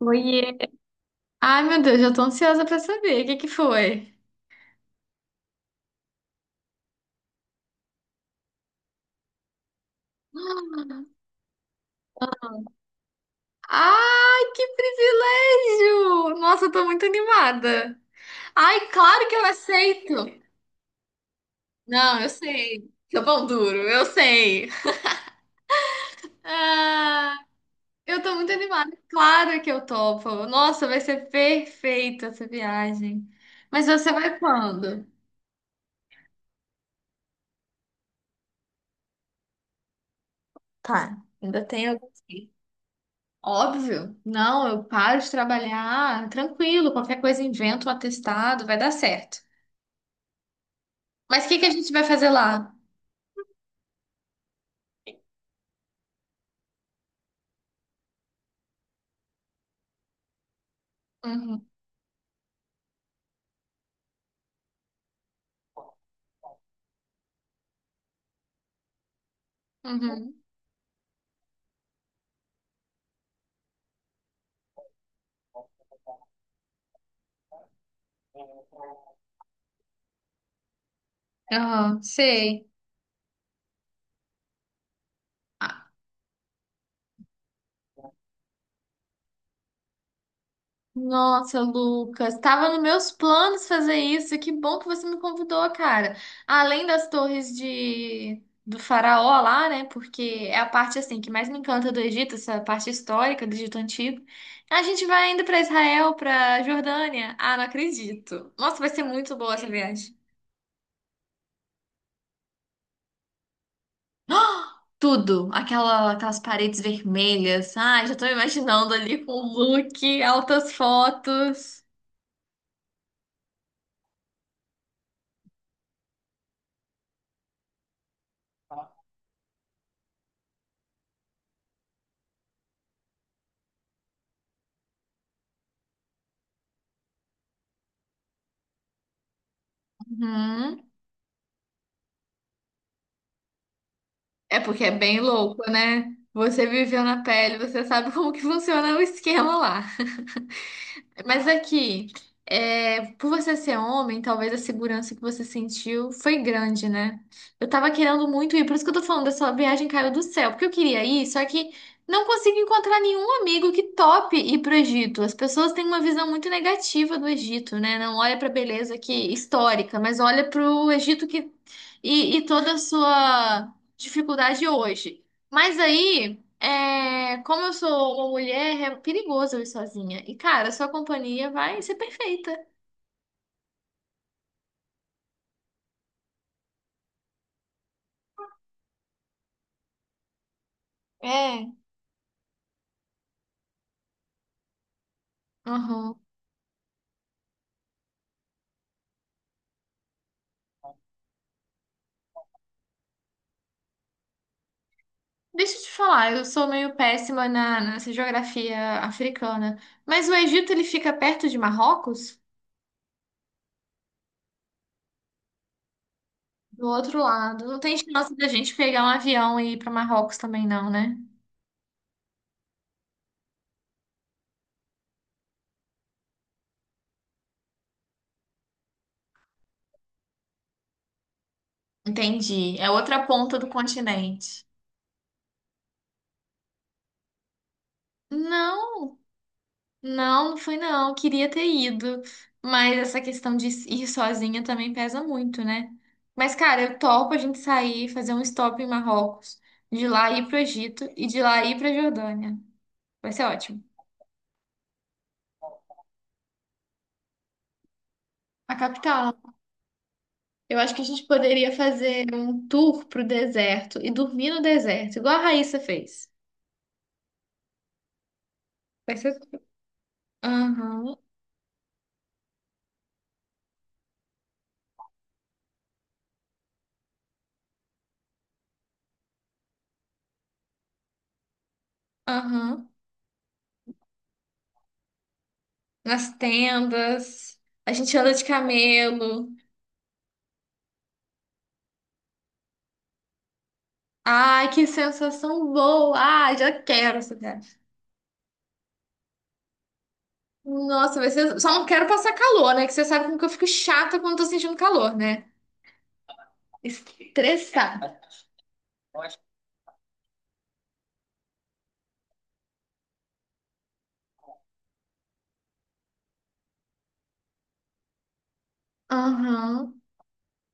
Oiê. Ai, meu Deus, eu tô ansiosa pra saber. O que que foi? Ai, que privilégio! Nossa, eu tô muito animada. Ai, claro que eu aceito. Não, eu sei. Seu pão duro, eu sei. Ah, eu tô muito animada. Claro que eu topo. Nossa, vai ser perfeita essa viagem. Mas você vai quando? Tá, ainda tem alguns dias. Óbvio. Não, eu paro de trabalhar, tranquilo, qualquer coisa invento um atestado, vai dar certo. Mas o que que a gente vai fazer lá? Uhum, uhum. Aham, sei. Ah, nossa, Lucas, estava nos meus planos fazer isso. E que bom que você me convidou, cara. Além das torres de do faraó lá, né? Porque é a parte assim que mais me encanta do Egito, essa parte histórica do Egito antigo. A gente vai ainda para Israel, para Jordânia. Ah, não acredito. Nossa, vai ser muito boa essa viagem. Tudo, aquelas paredes vermelhas. Ai, já tô me imaginando ali com o look, altas fotos. Uhum. É porque é bem louco, né? Você viveu na pele, você sabe como que funciona o esquema lá. Mas aqui, é, por você ser homem, talvez a segurança que você sentiu foi grande, né? Eu tava querendo muito ir, por isso que eu tô falando dessa viagem caiu do céu, porque eu queria ir, só que não consigo encontrar nenhum amigo que tope ir pro Egito. As pessoas têm uma visão muito negativa do Egito, né? Não olha pra beleza que histórica, mas olha pro Egito que e toda a sua dificuldade hoje. Mas aí é, como eu sou uma mulher, é perigoso eu ir sozinha. E, cara, sua companhia vai ser perfeita. É. Uhum. Deixa eu te falar, eu sou meio péssima nessa geografia africana. Mas o Egito, ele fica perto de Marrocos? Do outro lado. Não tem chance da gente pegar um avião e ir para Marrocos também, não, né? Entendi. É outra ponta do continente. Não. Não, não fui não. Queria ter ido. Mas essa questão de ir sozinha também pesa muito, né? Mas, cara, eu topo a gente sair, fazer um stop em Marrocos, de lá ir pro Egito e de lá ir pra Jordânia. Vai ser ótimo. A capital. Eu acho que a gente poderia fazer um tour pro deserto e dormir no deserto, igual a Raíssa fez. Vai ser. Aham, aham. Nas tendas. A gente anda de camelo. Ai, que sensação boa! Ai, já quero essa viagem. Nossa, vai ser. Só não quero passar calor, né? Que você sabe como que eu fico chata quando tô sentindo calor, né? Estressada. Aham.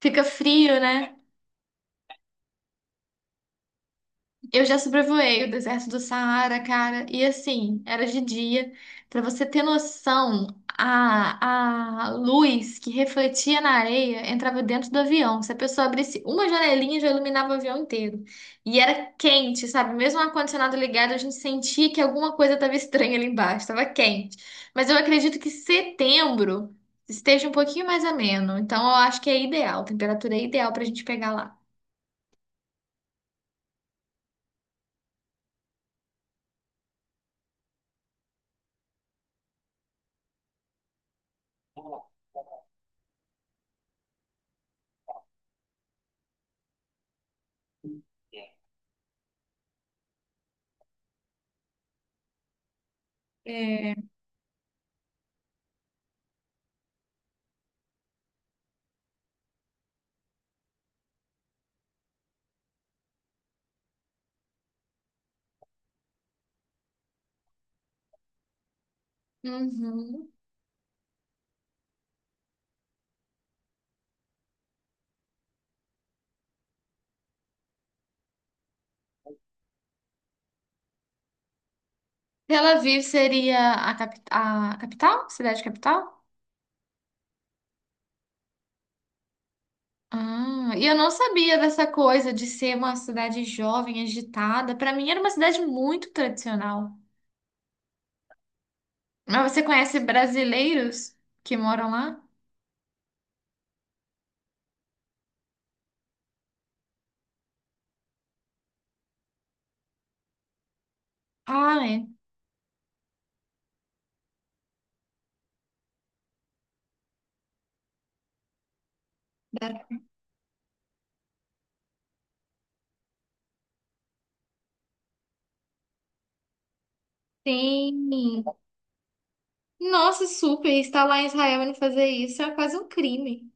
Fica frio, né? Eu já sobrevoei o deserto do Saara, cara, e assim, era de dia. Pra você ter noção, a luz que refletia na areia entrava dentro do avião. Se a pessoa abrisse uma janelinha, já iluminava o avião inteiro. E era quente, sabe? Mesmo o ar-condicionado ligado, a gente sentia que alguma coisa estava estranha ali embaixo, estava quente. Mas eu acredito que setembro esteja um pouquinho mais ameno. Então eu acho que é ideal, a temperatura é ideal pra gente pegar lá. É. Uhum. Tel Aviv seria a, capital? Cidade capital? Ah, e eu não sabia dessa coisa de ser uma cidade jovem, agitada. Para mim era uma cidade muito tradicional. Mas você conhece brasileiros que moram lá? Ah, é. Dá- tem. Nossa, super. Estar lá em Israel e não fazer isso é quase um crime.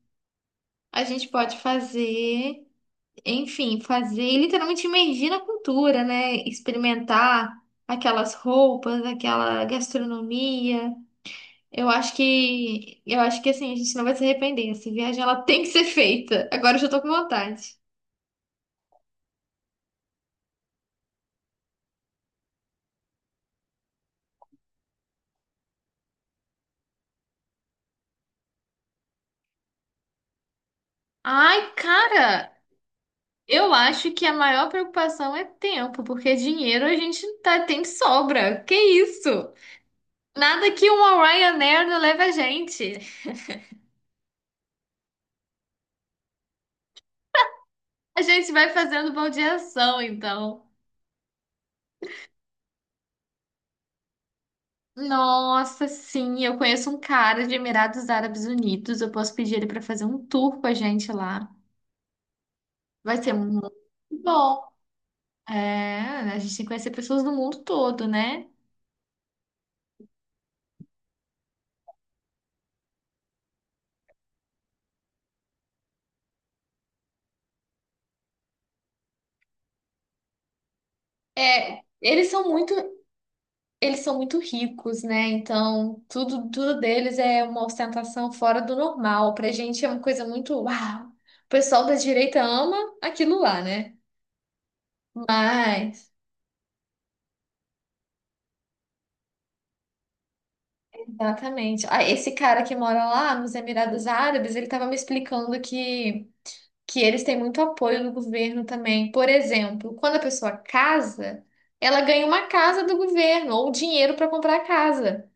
A gente pode fazer, enfim, fazer e literalmente imergir na cultura, né? Experimentar aquelas roupas, aquela gastronomia. Eu acho que assim, a gente não vai se arrepender. Essa viagem ela tem que ser feita. Agora eu já tô com vontade. Ai, cara, eu acho que a maior preocupação é tempo, porque dinheiro a gente tá, tem de sobra. Que isso? Nada que uma Ryanair não leve a gente. A gente vai fazendo baldeação, então. Nossa, sim, eu conheço um cara de Emirados Árabes Unidos. Eu posso pedir ele para fazer um tour com a gente lá. Vai ser muito bom. É, a gente tem que conhecer pessoas do mundo todo, né? É, eles são muito, eles são muito ricos, né? Então, tudo deles é uma ostentação fora do normal. Pra gente é uma coisa muito, uau. O pessoal da direita ama aquilo lá, né? Mas exatamente. Ah, esse cara que mora lá nos Emirados Árabes, ele estava me explicando que eles têm muito apoio do governo também. Por exemplo, quando a pessoa casa, ela ganha uma casa do governo ou dinheiro para comprar a casa.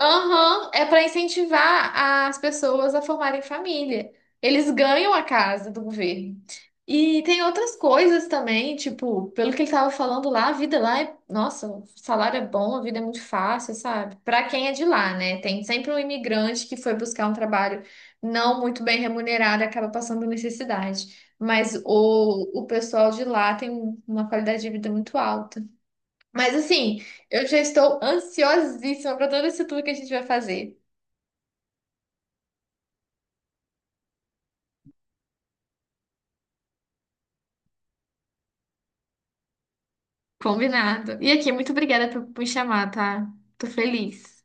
Aham, é para incentivar as pessoas a formarem família. Eles ganham a casa do governo. E tem outras coisas também, tipo, pelo que ele estava falando lá, a vida lá é, nossa, o salário é bom, a vida é muito fácil, sabe? Para quem é de lá, né? Tem sempre um imigrante que foi buscar um trabalho não muito bem remunerado e acaba passando necessidade. Mas o pessoal de lá tem uma qualidade de vida muito alta. Mas assim, eu já estou ansiosíssima para todo esse tour que a gente vai fazer. Combinado. E aqui, muito obrigada por me chamar, tá? Tô feliz.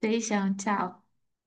Beijão, tchau.